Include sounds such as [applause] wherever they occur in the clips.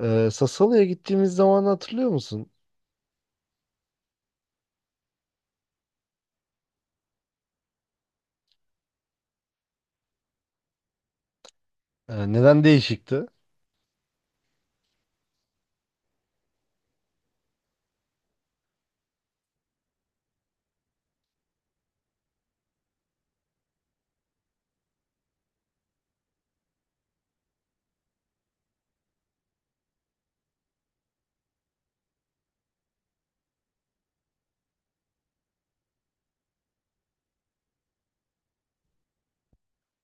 Sassuolo'ya gittiğimiz zaman hatırlıyor musun? Neden değişikti?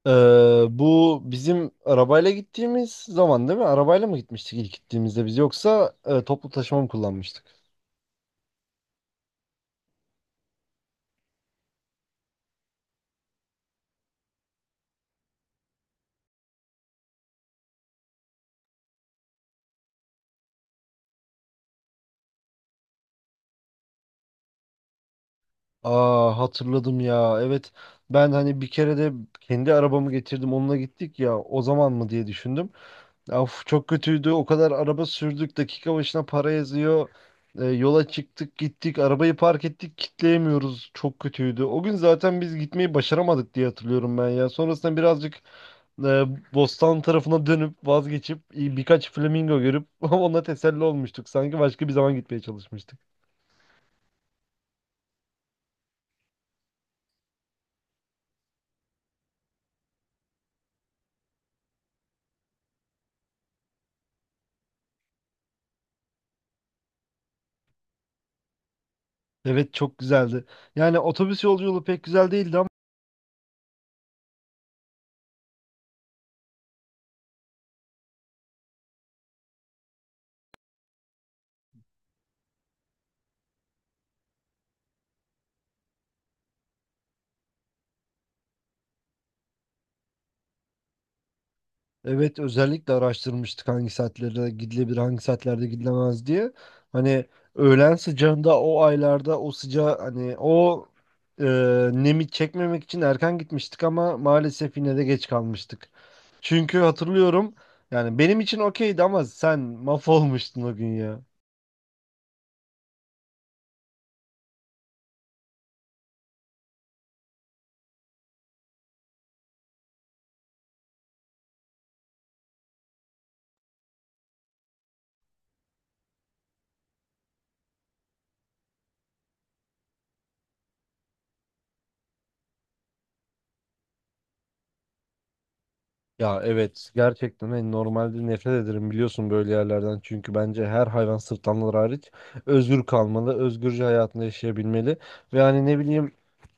Ee, Bu bizim arabayla gittiğimiz zaman değil mi? Arabayla mı gitmiştik ilk gittiğimizde biz yoksa toplu taşıma mı kullanmıştık? Aa, hatırladım ya. Evet, ben hani bir kere de kendi arabamı getirdim onunla gittik ya o zaman mı diye düşündüm. Of, çok kötüydü. O kadar araba sürdük. Dakika başına para yazıyor. Yola çıktık gittik. Arabayı park ettik. Kitleyemiyoruz. Çok kötüydü. O gün zaten biz gitmeyi başaramadık diye hatırlıyorum ben ya. Sonrasında birazcık e, Bostan tarafına dönüp vazgeçip birkaç flamingo görüp [laughs] ona teselli olmuştuk. Sanki başka bir zaman gitmeye çalışmıştık. Evet, çok güzeldi. Yani otobüs yolculuğu pek güzel değildi ama. Evet, özellikle araştırmıştık hangi saatlerde gidilebilir, hangi saatlerde gidilemez diye. Hani öğlen sıcağında o aylarda o sıcağı hani o e, nemi çekmemek için erken gitmiştik ama maalesef yine de geç kalmıştık. Çünkü hatırlıyorum, yani benim için okeydi ama sen mahvolmuştun o gün ya. Ya evet, gerçekten hani normalde nefret ederim biliyorsun böyle yerlerden çünkü bence her hayvan, sırtlanlar hariç, özgür kalmalı, özgürce hayatını yaşayabilmeli ve hani ne bileyim,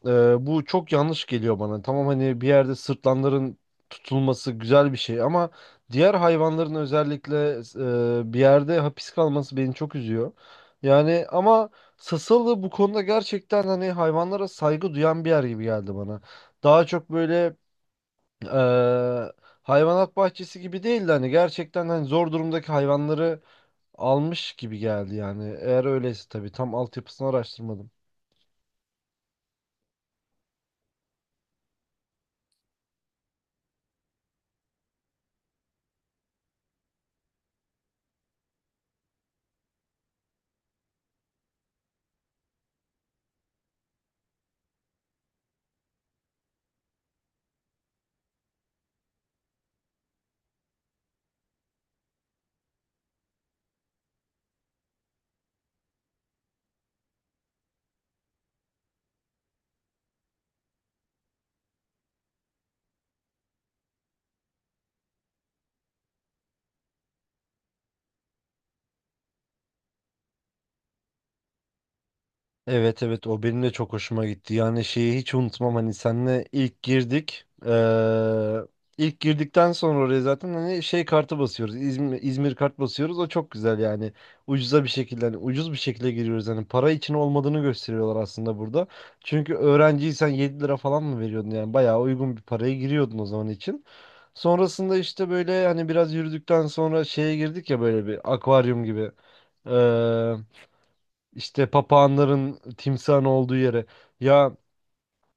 Bu çok yanlış geliyor bana. Tamam, hani bir yerde sırtlanların tutulması güzel bir şey ama diğer hayvanların özellikle bir yerde hapis kalması beni çok üzüyor. Yani ama Sasalı bu konuda gerçekten hani hayvanlara saygı duyan bir yer gibi geldi bana. Daha çok böyle e, hayvanat bahçesi gibi değil de hani gerçekten hani zor durumdaki hayvanları almış gibi geldi yani. Eğer öyleyse tabii, tam altyapısını araştırmadım. Evet evet, o benim de çok hoşuma gitti. Yani şeyi hiç unutmam, hani senle ilk girdik. İlk girdikten sonra oraya zaten hani şey kartı basıyoruz. İzmir, İzmir kart basıyoruz. O çok güzel yani. Ucuza bir şekilde, hani ucuz bir şekilde giriyoruz. Hani para için olmadığını gösteriyorlar aslında burada. Çünkü öğrenciysen 7 lira falan mı veriyordun, yani bayağı uygun bir paraya giriyordun o zaman için. Sonrasında işte böyle hani biraz yürüdükten sonra şeye girdik ya, böyle bir akvaryum gibi, işte papağanların timsahın olduğu yere. Ya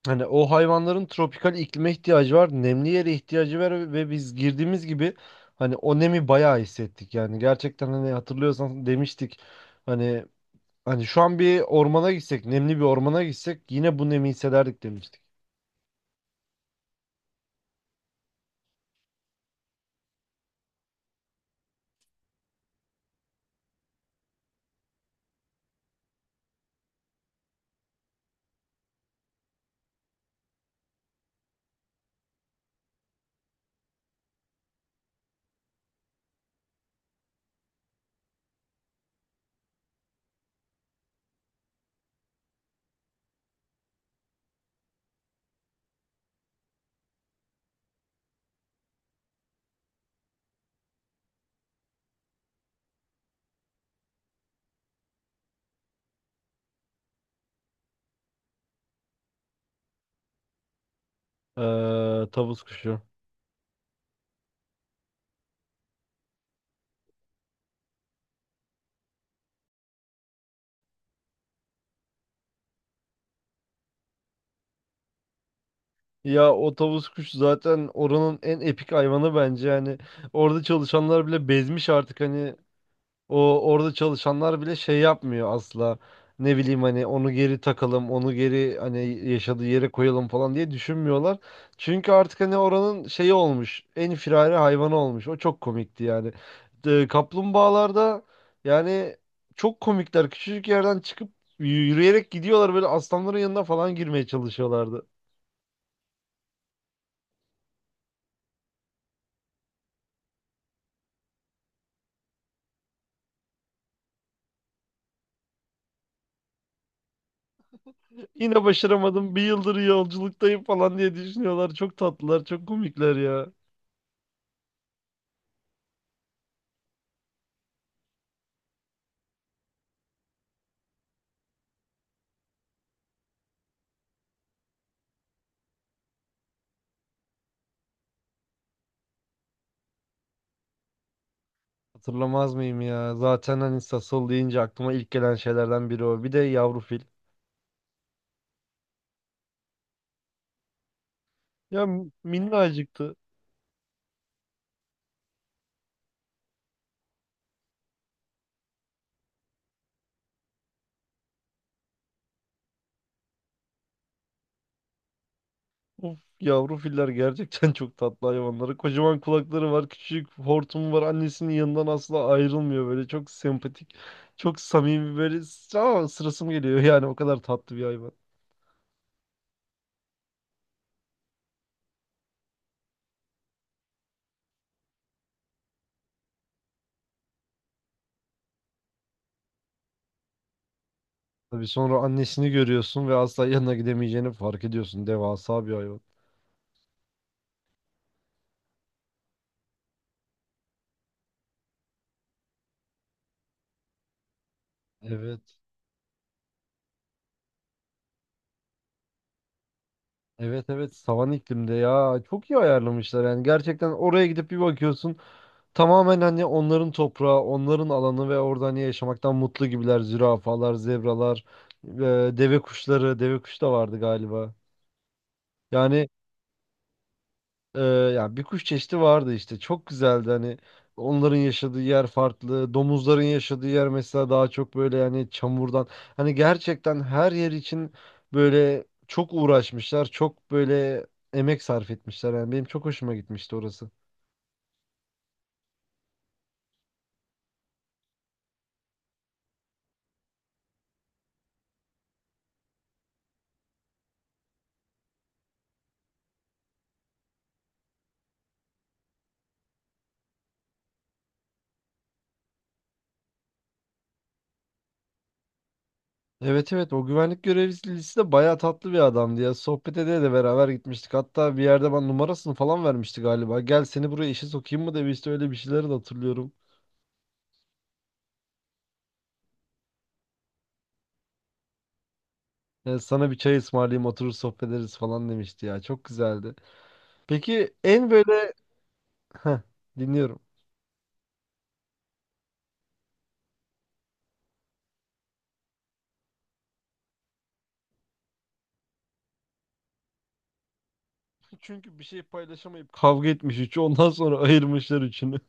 hani o hayvanların tropikal iklime ihtiyacı var, nemli yere ihtiyacı var ve biz girdiğimiz gibi hani o nemi bayağı hissettik. Yani gerçekten hani hatırlıyorsan demiştik, hani hani şu an bir ormana gitsek, nemli bir ormana gitsek yine bu nemi hissederdik demiştik. Ee, Tavus kuşu. Ya o tavus kuşu zaten oranın en epik hayvanı bence, yani orada çalışanlar bile bezmiş artık hani. O, orada çalışanlar bile şey yapmıyor asla. Ne bileyim hani onu geri takalım, onu geri hani yaşadığı yere koyalım falan diye düşünmüyorlar. Çünkü artık hani oranın şeyi olmuş. En firari hayvanı olmuş. O çok komikti yani. De, kaplumbağalarda yani çok komikler. Küçücük yerden çıkıp yürüyerek gidiyorlar böyle, aslanların yanına falan girmeye çalışıyorlardı. Yine başaramadım. Bir yıldır yolculuktayım falan diye düşünüyorlar. Çok tatlılar, çok komikler ya. Hatırlamaz mıyım ya? Zaten hani Sasol deyince aklıma ilk gelen şeylerden biri o. Bir de yavru fil. Ya minnacıktı. Of, yavru filler gerçekten [laughs] çok tatlı hayvanları. Kocaman kulakları var, küçük hortumu var. Annesinin yanından asla ayrılmıyor böyle. Çok sempatik, çok samimi böyle. Ama sırası mı geliyor [laughs] yani, o kadar tatlı bir hayvan. Tabii sonra annesini görüyorsun ve asla yanına gidemeyeceğini fark ediyorsun. Devasa bir hayvan. Evet. Evet evet, savan iklimde ya, çok iyi ayarlamışlar yani, gerçekten oraya gidip bir bakıyorsun tamamen hani onların toprağı, onların alanı ve orada hani yaşamaktan mutlu gibiler. Zürafalar, zebralar, deve kuşları, deve kuş da vardı galiba. Yani e, yani bir kuş çeşidi vardı işte. Çok güzeldi hani, onların yaşadığı yer farklı. Domuzların yaşadığı yer mesela daha çok böyle yani çamurdan. Hani gerçekten her yer için böyle çok uğraşmışlar. Çok böyle emek sarf etmişler. Yani benim çok hoşuma gitmişti orası. Evet evet, o güvenlik görevlisi de bayağı tatlı bir adamdı ya. Sohbet ede de beraber gitmiştik. Hatta bir yerde ben numarasını falan vermişti galiba. Gel seni buraya işe sokayım mı demişti. Öyle bir şeyleri de hatırlıyorum. Yani sana bir çay ısmarlayayım oturur sohbet ederiz falan demişti ya. Çok güzeldi. Peki en böyle... [laughs] Heh, dinliyorum. Çünkü bir şey paylaşamayıp kavga etmiş üçü, ondan sonra ayırmışlar üçünü.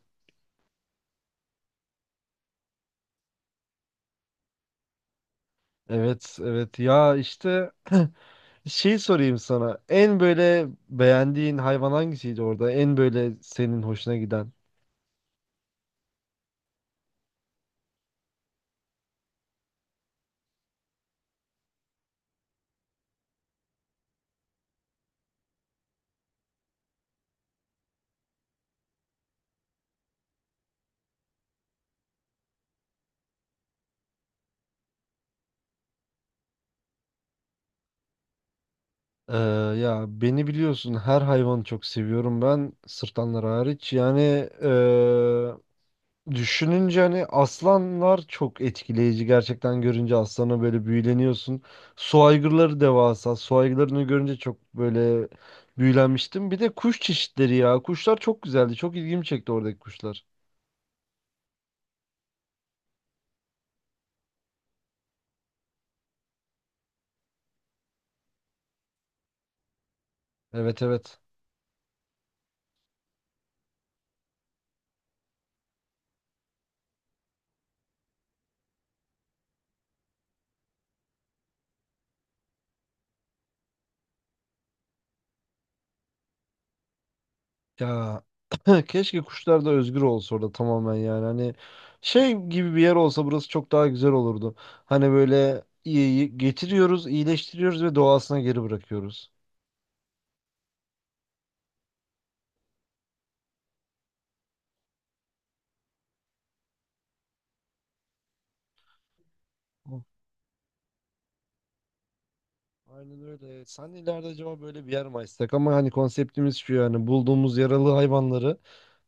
Evet evet ya, işte şey sorayım sana. En böyle beğendiğin hayvan hangisiydi orada? En böyle senin hoşuna giden? Ee, Ya beni biliyorsun, her hayvanı çok seviyorum ben, sırtlanlar hariç. Yani düşününce hani aslanlar çok etkileyici. Gerçekten görünce aslana böyle büyüleniyorsun. Su aygırları devasa. Su aygırlarını görünce çok böyle büyülenmiştim. Bir de kuş çeşitleri ya. Kuşlar çok güzeldi. Çok ilgimi çekti oradaki kuşlar. Evet evet. Ya [clears throat] keşke kuşlar da özgür olsa orada tamamen, yani hani şey gibi bir yer olsa burası çok daha güzel olurdu. Hani böyle iyi getiriyoruz, iyileştiriyoruz ve doğasına geri bırakıyoruz. Hı. Aynen öyle. Sen de ileride acaba böyle bir yer mi açsak? Ama hani konseptimiz şu, yani bulduğumuz yaralı hayvanları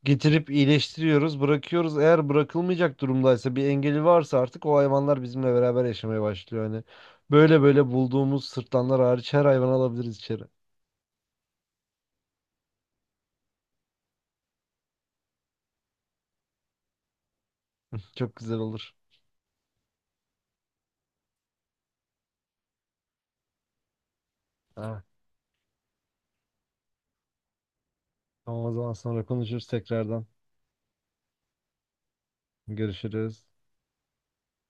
getirip iyileştiriyoruz, bırakıyoruz. Eğer bırakılmayacak durumdaysa, bir engeli varsa artık o hayvanlar bizimle beraber yaşamaya başlıyor. Hani böyle böyle bulduğumuz, sırtlanlar hariç her hayvanı alabiliriz içeri. Çok güzel olur. Ha, tamam, o zaman sonra konuşuruz tekrardan. Görüşürüz.